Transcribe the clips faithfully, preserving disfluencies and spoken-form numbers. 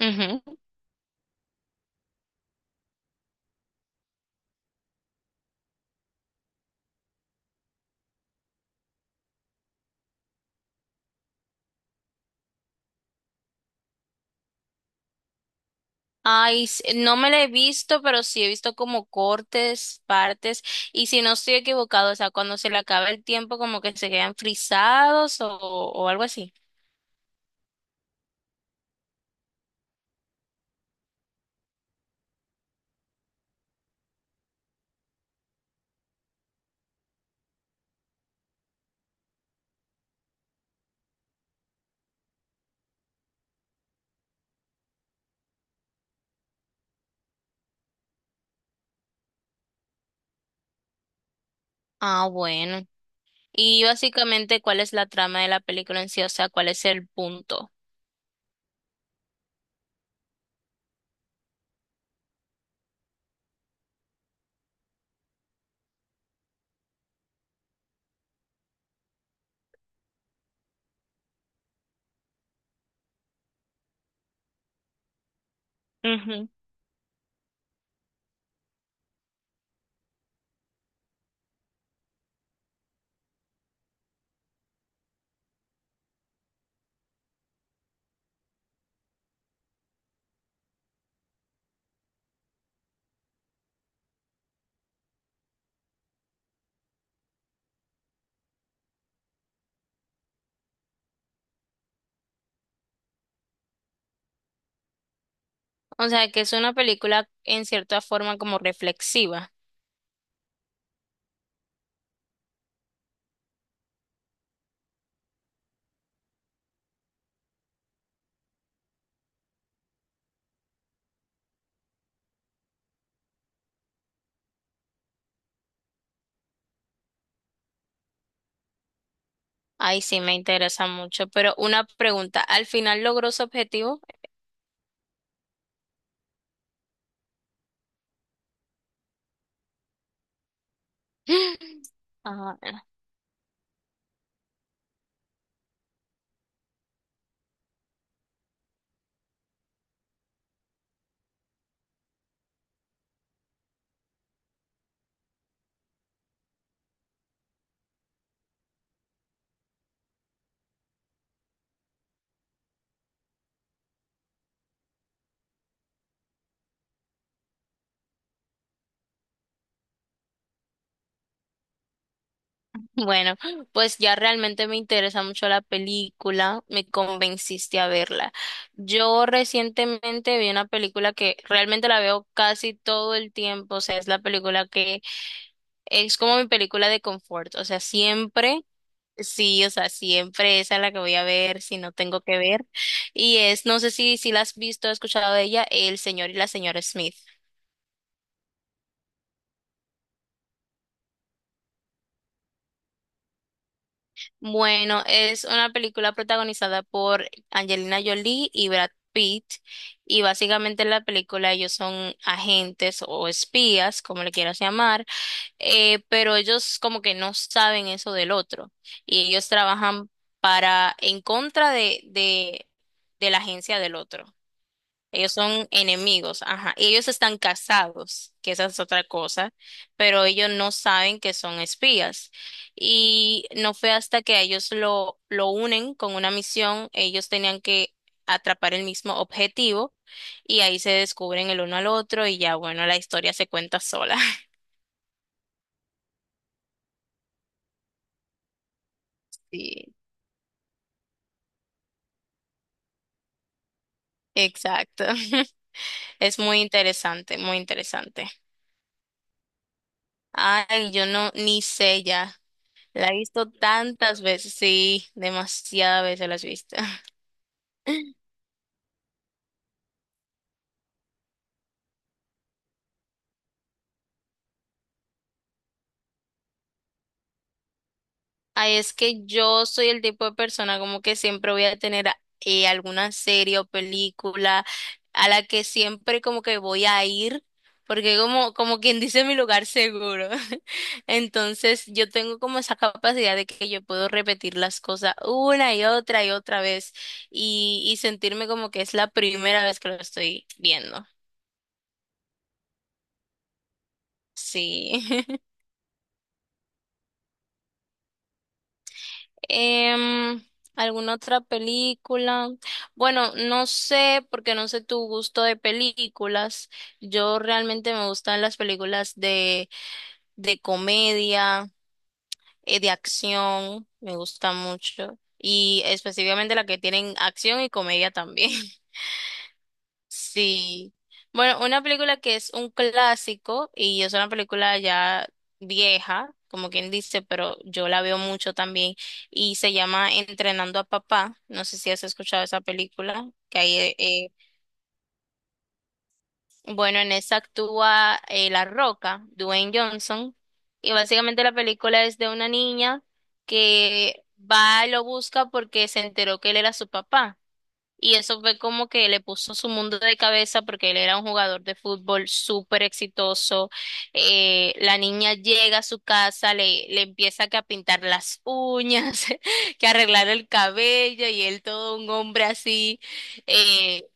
Ujú. Ay, s- no me la he visto, pero sí he visto como cortes, partes, y si no estoy equivocado, o sea, cuando se le acaba el tiempo, como que se quedan frisados o, o algo así. Ah, bueno. Y básicamente, ¿cuál es la trama de la película en sí? O sea, ¿cuál es el punto? Ujú. O sea, que es una película en cierta forma como reflexiva. Ay, sí, me interesa mucho, pero una pregunta, ¿al final logró su objetivo? Ah. Bueno, pues ya realmente me interesa mucho la película, me convenciste a verla. Yo recientemente vi una película que realmente la veo casi todo el tiempo, o sea, es la película que es como mi película de confort, o sea, siempre, sí, o sea, siempre esa es la que voy a ver si no tengo que ver. Y es, no sé si, si la has visto, has escuchado de ella, El señor y la señora Smith. Bueno, es una película protagonizada por Angelina Jolie y Brad Pitt y básicamente en la película ellos son agentes o espías, como le quieras llamar, eh, pero ellos como que no saben eso del otro y ellos trabajan para en contra de, de, de la agencia del otro. Ellos son enemigos, ajá. Y ellos están casados, que esa es otra cosa, pero ellos no saben que son espías. Y no fue hasta que a ellos lo, lo unen con una misión, ellos tenían que atrapar el mismo objetivo y ahí se descubren el uno al otro y ya, bueno, la historia se cuenta sola. Sí, exacto. Es muy interesante, muy interesante. Ay, yo no, ni sé ya. La he visto tantas veces, sí, demasiadas veces la he visto. Ay, es que yo soy el tipo de persona como que siempre voy a tener eh, alguna serie o película a la que siempre como que voy a ir, porque como, como quien dice mi lugar seguro. Entonces yo tengo como esa capacidad de que yo puedo repetir las cosas una y otra y otra vez y, y sentirme como que es la primera vez que lo estoy viendo. Sí. Em, ¿Alguna otra película? Bueno, no sé, porque no sé tu gusto de películas. Yo realmente me gustan las películas de, de comedia, eh, de acción, me gusta mucho. Y específicamente las que tienen acción y comedia también. Sí. Bueno, una película que es un clásico y es una película ya vieja, como quien dice, pero yo la veo mucho también y se llama Entrenando a Papá. No sé si has escuchado esa película, que ahí, eh, eh, bueno, en esa actúa eh, La Roca, Dwayne Johnson, y básicamente la película es de una niña que va y lo busca porque se enteró que él era su papá. Y eso fue como que le puso su mundo de cabeza porque él era un jugador de fútbol súper exitoso. Eh, la niña llega a su casa, le, le empieza que a pintar las uñas, que a arreglar el cabello y él todo un hombre así. Eh,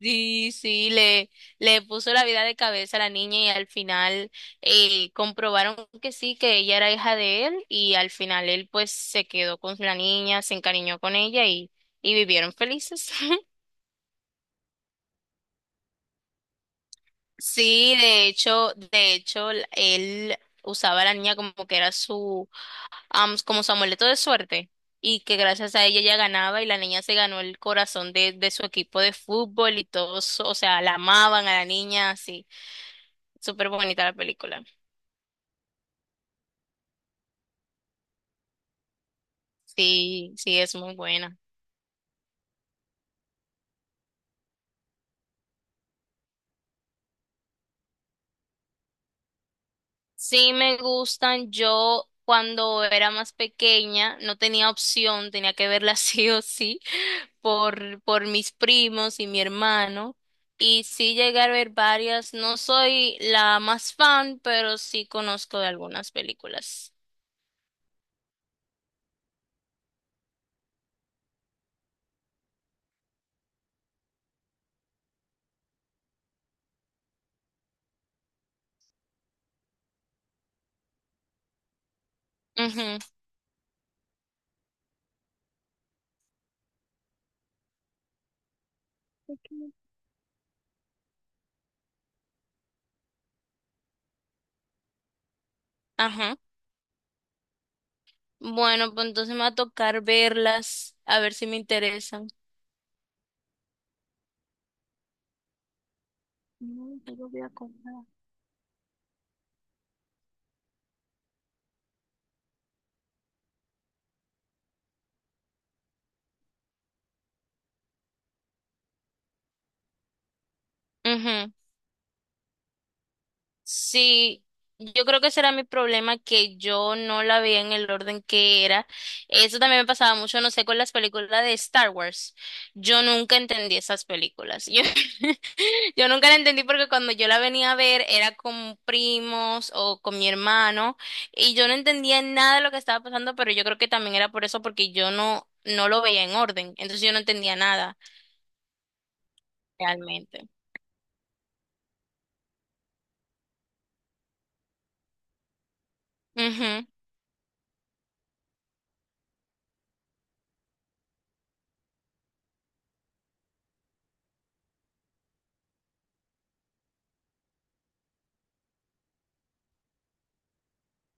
sí, sí, le, le puso la vida de cabeza a la niña y al final eh, comprobaron que sí, que ella era hija de él y al final él pues se quedó con la niña, se encariñó con ella y, y vivieron felices. Sí, de hecho, de hecho, l- él usaba a la niña como que era su, am, como su amuleto de suerte y que gracias a ella ella ganaba y la niña se ganó el corazón de, de su equipo de fútbol y todos, o sea, la amaban a la niña, así, súper bonita la película. Sí, sí, es muy buena. Sí me gustan. Yo cuando era más pequeña no tenía opción, tenía que verla sí o sí por, por mis primos y mi hermano. Y sí llegué a ver varias. No soy la más fan, pero sí conozco de algunas películas. Ujú. Ajá. Bueno, pues entonces me va a tocar verlas, a ver si me interesan. No, yo lo voy a comprar. Ujú. Sí, yo creo que ese era mi problema, que yo no la veía en el orden que era. Eso también me pasaba mucho, no sé, con las películas de Star Wars. Yo nunca entendí esas películas. Yo, yo nunca la entendí porque cuando yo la venía a ver era con primos o con mi hermano y yo no entendía nada de lo que estaba pasando, pero yo creo que también era por eso, porque yo no, no lo veía en orden. Entonces yo no entendía nada realmente.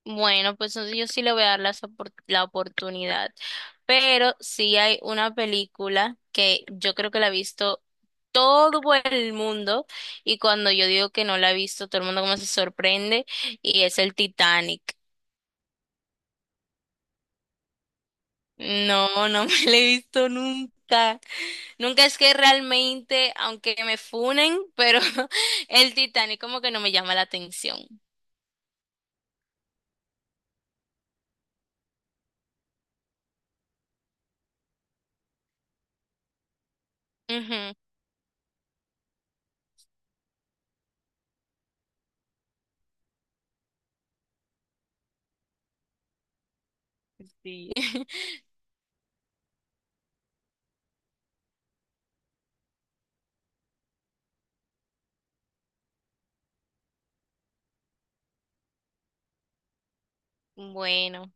Bueno, pues entonces yo sí le voy a dar las opor- la, oportunidad. Pero sí hay una película que yo creo que la ha visto todo el mundo y cuando yo digo que no la ha visto, todo el mundo como se sorprende y es el Titanic. No, no me la he visto nunca. Nunca es que realmente, aunque me funen, pero el Titanic como que no me llama la atención. Ujú. Sí. Bueno,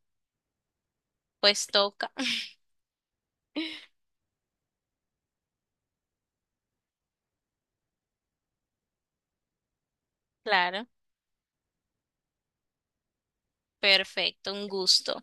pues toca. Claro. Perfecto, un gusto.